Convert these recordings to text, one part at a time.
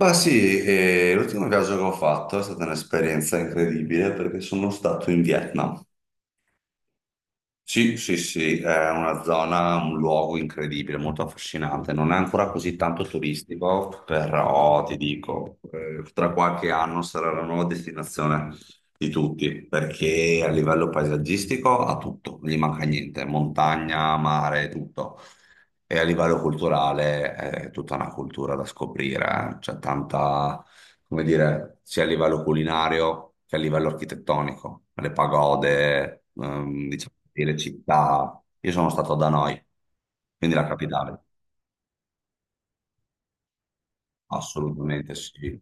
Ma sì, l'ultimo viaggio che ho fatto è stata un'esperienza incredibile perché sono stato in Vietnam. Sì, sì, sì, è una zona, un luogo incredibile, molto affascinante. Non è ancora così tanto turistico, però ti dico, tra qualche anno sarà la nuova destinazione di tutti, perché a livello paesaggistico ha tutto, non gli manca niente, montagna, mare, tutto. E a livello culturale è tutta una cultura da scoprire, eh. C'è tanta, come dire, sia a livello culinario che a livello architettonico, le pagode, diciamo, le città. Io sono stato a Hanoi, quindi la capitale, assolutamente sì.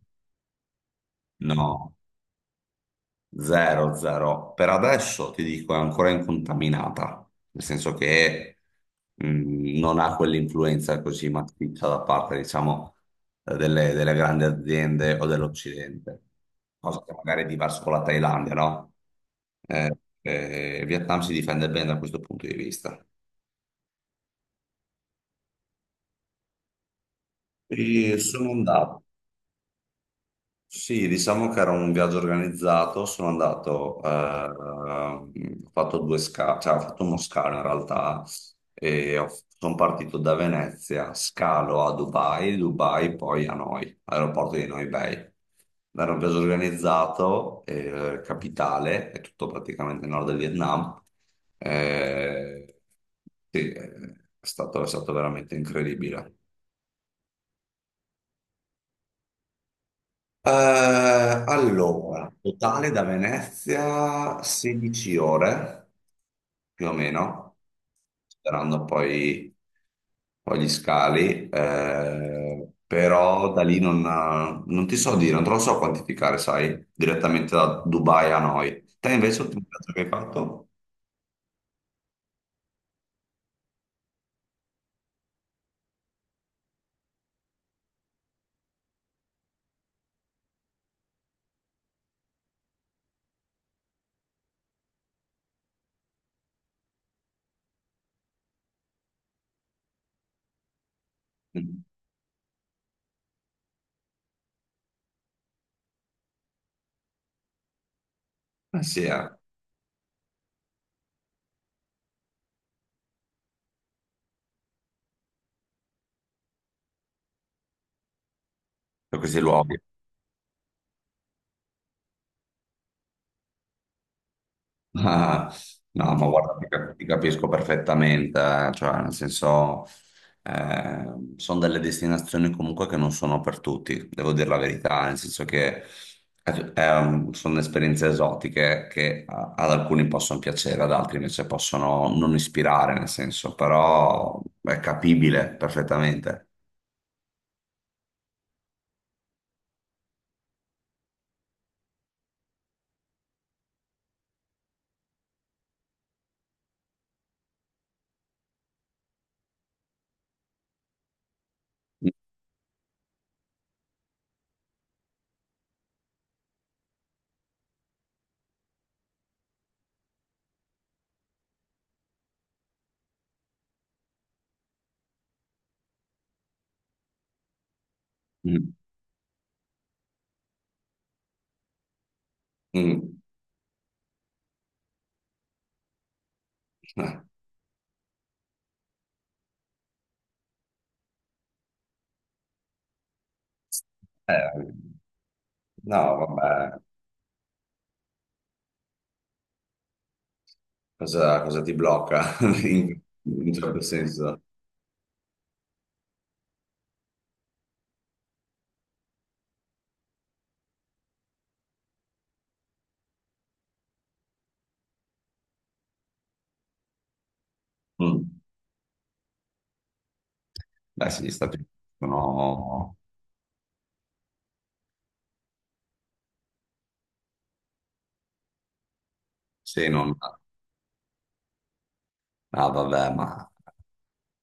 No. Zero, zero. Per adesso ti dico è ancora incontaminata, nel senso che non ha quell'influenza così massiccia da parte, diciamo, delle grandi aziende o dell'Occidente, cosa che magari è diverso con la Thailandia, no? Eh, il Vietnam si difende bene da questo punto di vista. E sono andato Sì, diciamo che era un viaggio organizzato, sono andato, ho fatto due scale, cioè ho fatto uno scalo in realtà, e ho- sono partito da Venezia, scalo a Dubai, Dubai poi a Noi, aeroporto di Noi Bay. Era un viaggio organizzato, capitale, è tutto praticamente il nord del Vietnam. Eh, sì, è È stato veramente incredibile. Allora, totale da Venezia 16 ore, più o meno, sperando poi, poi gli scali, però da lì non, non ti so dire, non te lo so quantificare, sai, direttamente da Dubai a noi. Te invece l'ultimo viaggio che hai fatto? Mm. Eh sì, per questi luoghi. Ah, no, ma guarda, ti capisco perfettamente, cioè, nel senso, eh, sono delle destinazioni comunque che non sono per tutti, devo dire la verità, nel senso che sono esperienze esotiche che ad alcuni possono piacere, ad altri invece possono non ispirare, nel senso, però è capibile perfettamente. Mm. Mm. Mm. Eh, no, vabbè, cosa, cosa ti blocca in, in un certo senso? Mm. Beh, sì, gli Stati Uniti sono... Sì, non... Ah, vabbè, ma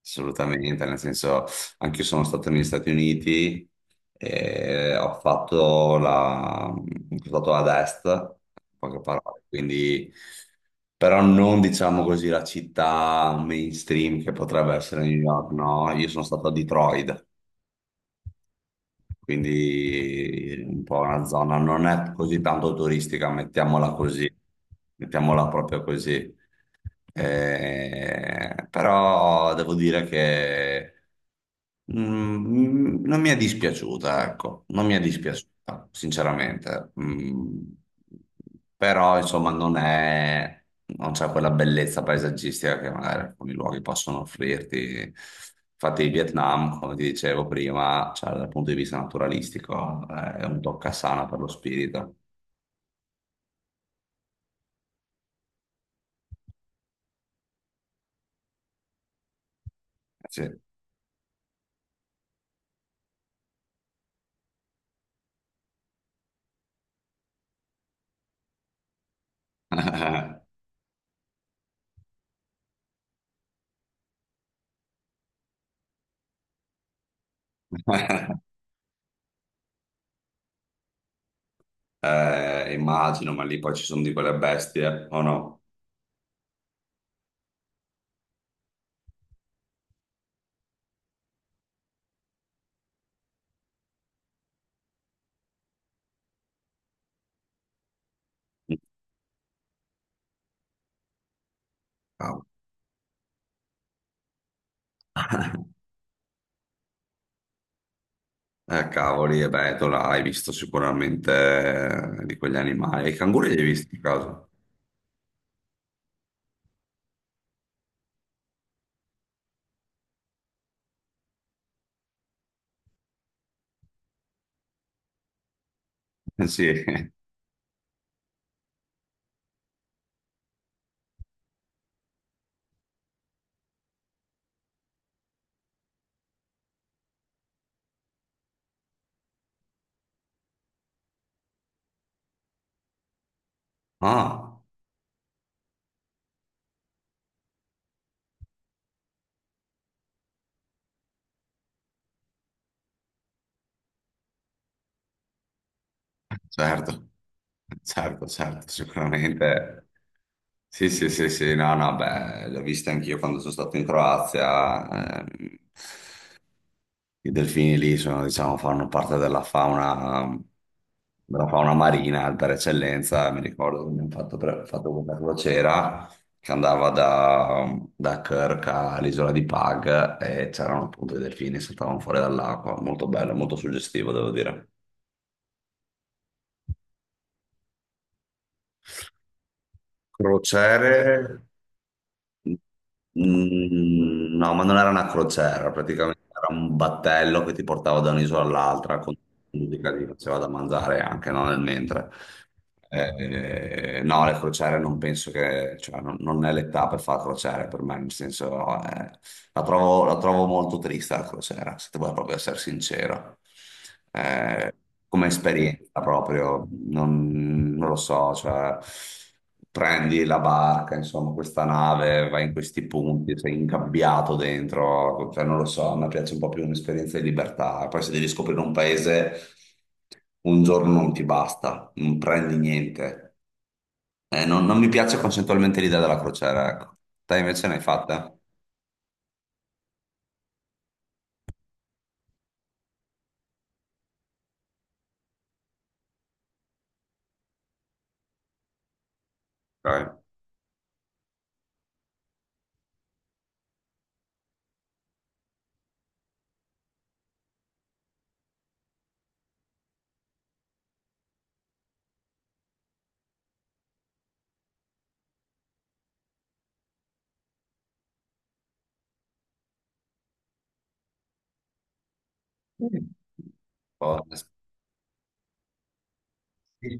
assolutamente, nel senso, anche io sono stato negli Stati Uniti e ho fatto la... ho fatto ad est, in poche parole, quindi... Però non diciamo così la città mainstream che potrebbe essere New York, no? Io sono stato a Detroit, quindi un po' una zona non è così tanto turistica, mettiamola così, mettiamola proprio così. Però devo dire che non mi è dispiaciuta, ecco, non mi è dispiaciuta, sinceramente. Mm, però insomma non è, non c'è quella bellezza paesaggistica che magari alcuni luoghi possono offrirti. Infatti il Vietnam, come ti dicevo prima, cioè, dal punto di vista naturalistico, è un toccasana per lo spirito. Sì. Immagino, ma lì poi ci sono di quelle bestie, o no? Cavolo. Cavoli, e beh, tu l'hai visto sicuramente di quegli animali. I canguri li hai visti a caso? Sì. Ah. Certo, certo, certo, sicuramente. Sì, sì, sì, sì, no, no, beh, l'ho vista anch'io quando sono stato in Croazia. I delfini lì sono, diciamo, fanno parte della fauna marina per eccellenza. Mi ricordo che abbiamo fatto, fatto questa crociera che andava da, da Kirk all'isola di Pag e c'erano appunto i delfini che saltavano fuori dall'acqua. Molto bello, molto suggestivo, devo dire. Crociere. Mm, no, ma non era una crociera, praticamente era un battello che ti portava da un'isola all'altra con musica, ti faceva da mangiare anche no, nel mentre. No, le crociere non penso che, cioè, non, non è l'età per fare crociere per me, nel senso, la trovo molto triste la crociera, se devo proprio essere sincero. Eh, come esperienza. Ma proprio, non, non lo so, cioè prendi la barca, insomma, questa nave, vai in questi punti, sei ingabbiato dentro, cioè non lo so, a me piace un po' più un'esperienza di libertà. Poi se devi scoprire un paese, un giorno non ti basta, non prendi niente. Non, non mi piace concettualmente l'idea della crociera, ecco. Te invece ne hai fatta? Ok. Sì. Oh, sì,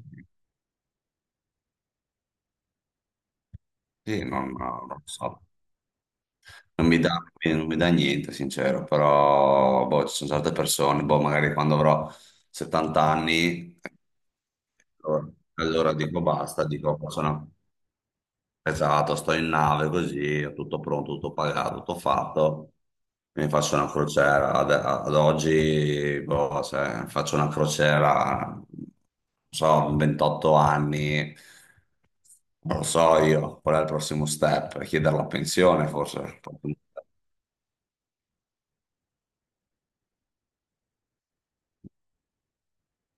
sì, non, no, non lo so. Non mi dà, non mi dà niente, sincero, però boh, ci sono certe persone, boh, magari quando avrò 70 anni, allora, allora dico basta, dico "Oh, sono esatto, sto in nave così, ho tutto pronto, tutto pagato, tutto fatto, mi faccio una crociera", ad, ad oggi boh, se faccio una crociera, non so, 28 anni, non lo so io, qual è il prossimo step? Chiedere la pensione forse, un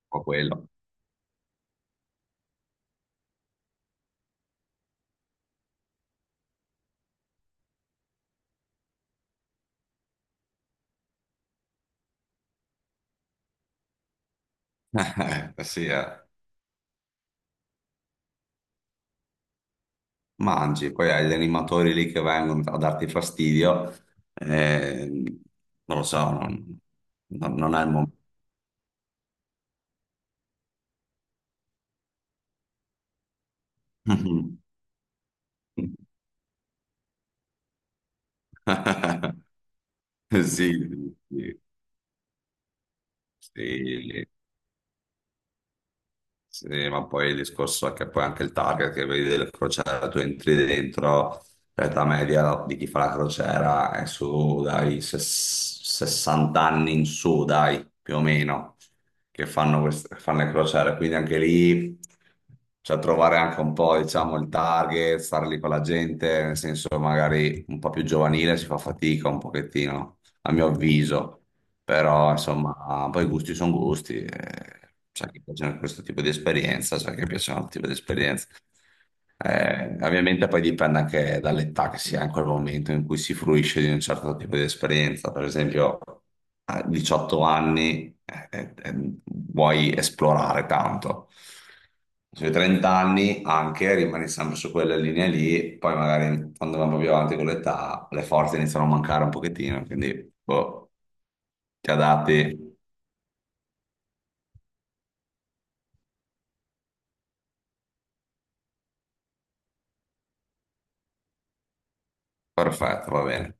po' quello. Sì, eh. Mangi, poi hai gli animatori lì che vengono a darti fastidio, eh, non lo so, non, non è il momento. Sì, sì, sì. Sì, ma poi il discorso è che poi anche il target che vedi delle crociere, tu entri dentro, l'età media di chi fa la crociera è su dai 60 anni in su, dai, più o meno, che fanno, fanno le crociere, quindi anche lì, cioè trovare anche un po', diciamo, il target, stare lì con la gente, nel senso magari un po' più giovanile si fa fatica un pochettino, a mio avviso. Però, insomma, poi gusti sono gusti. C'è chi piacciono questo tipo di esperienza, c'è chi piacciono altro tipo di esperienza. Ovviamente poi dipende anche dall'età che si ha in quel momento in cui si fruisce di un certo tipo di esperienza. Per esempio, a 18 anni vuoi esplorare tanto. Sui 30 anni anche rimani sempre su quella linea lì, poi magari quando vanno più avanti con l'età le forze iniziano a mancare un pochettino, quindi boh. Ti adatti? Perfetto, va bene.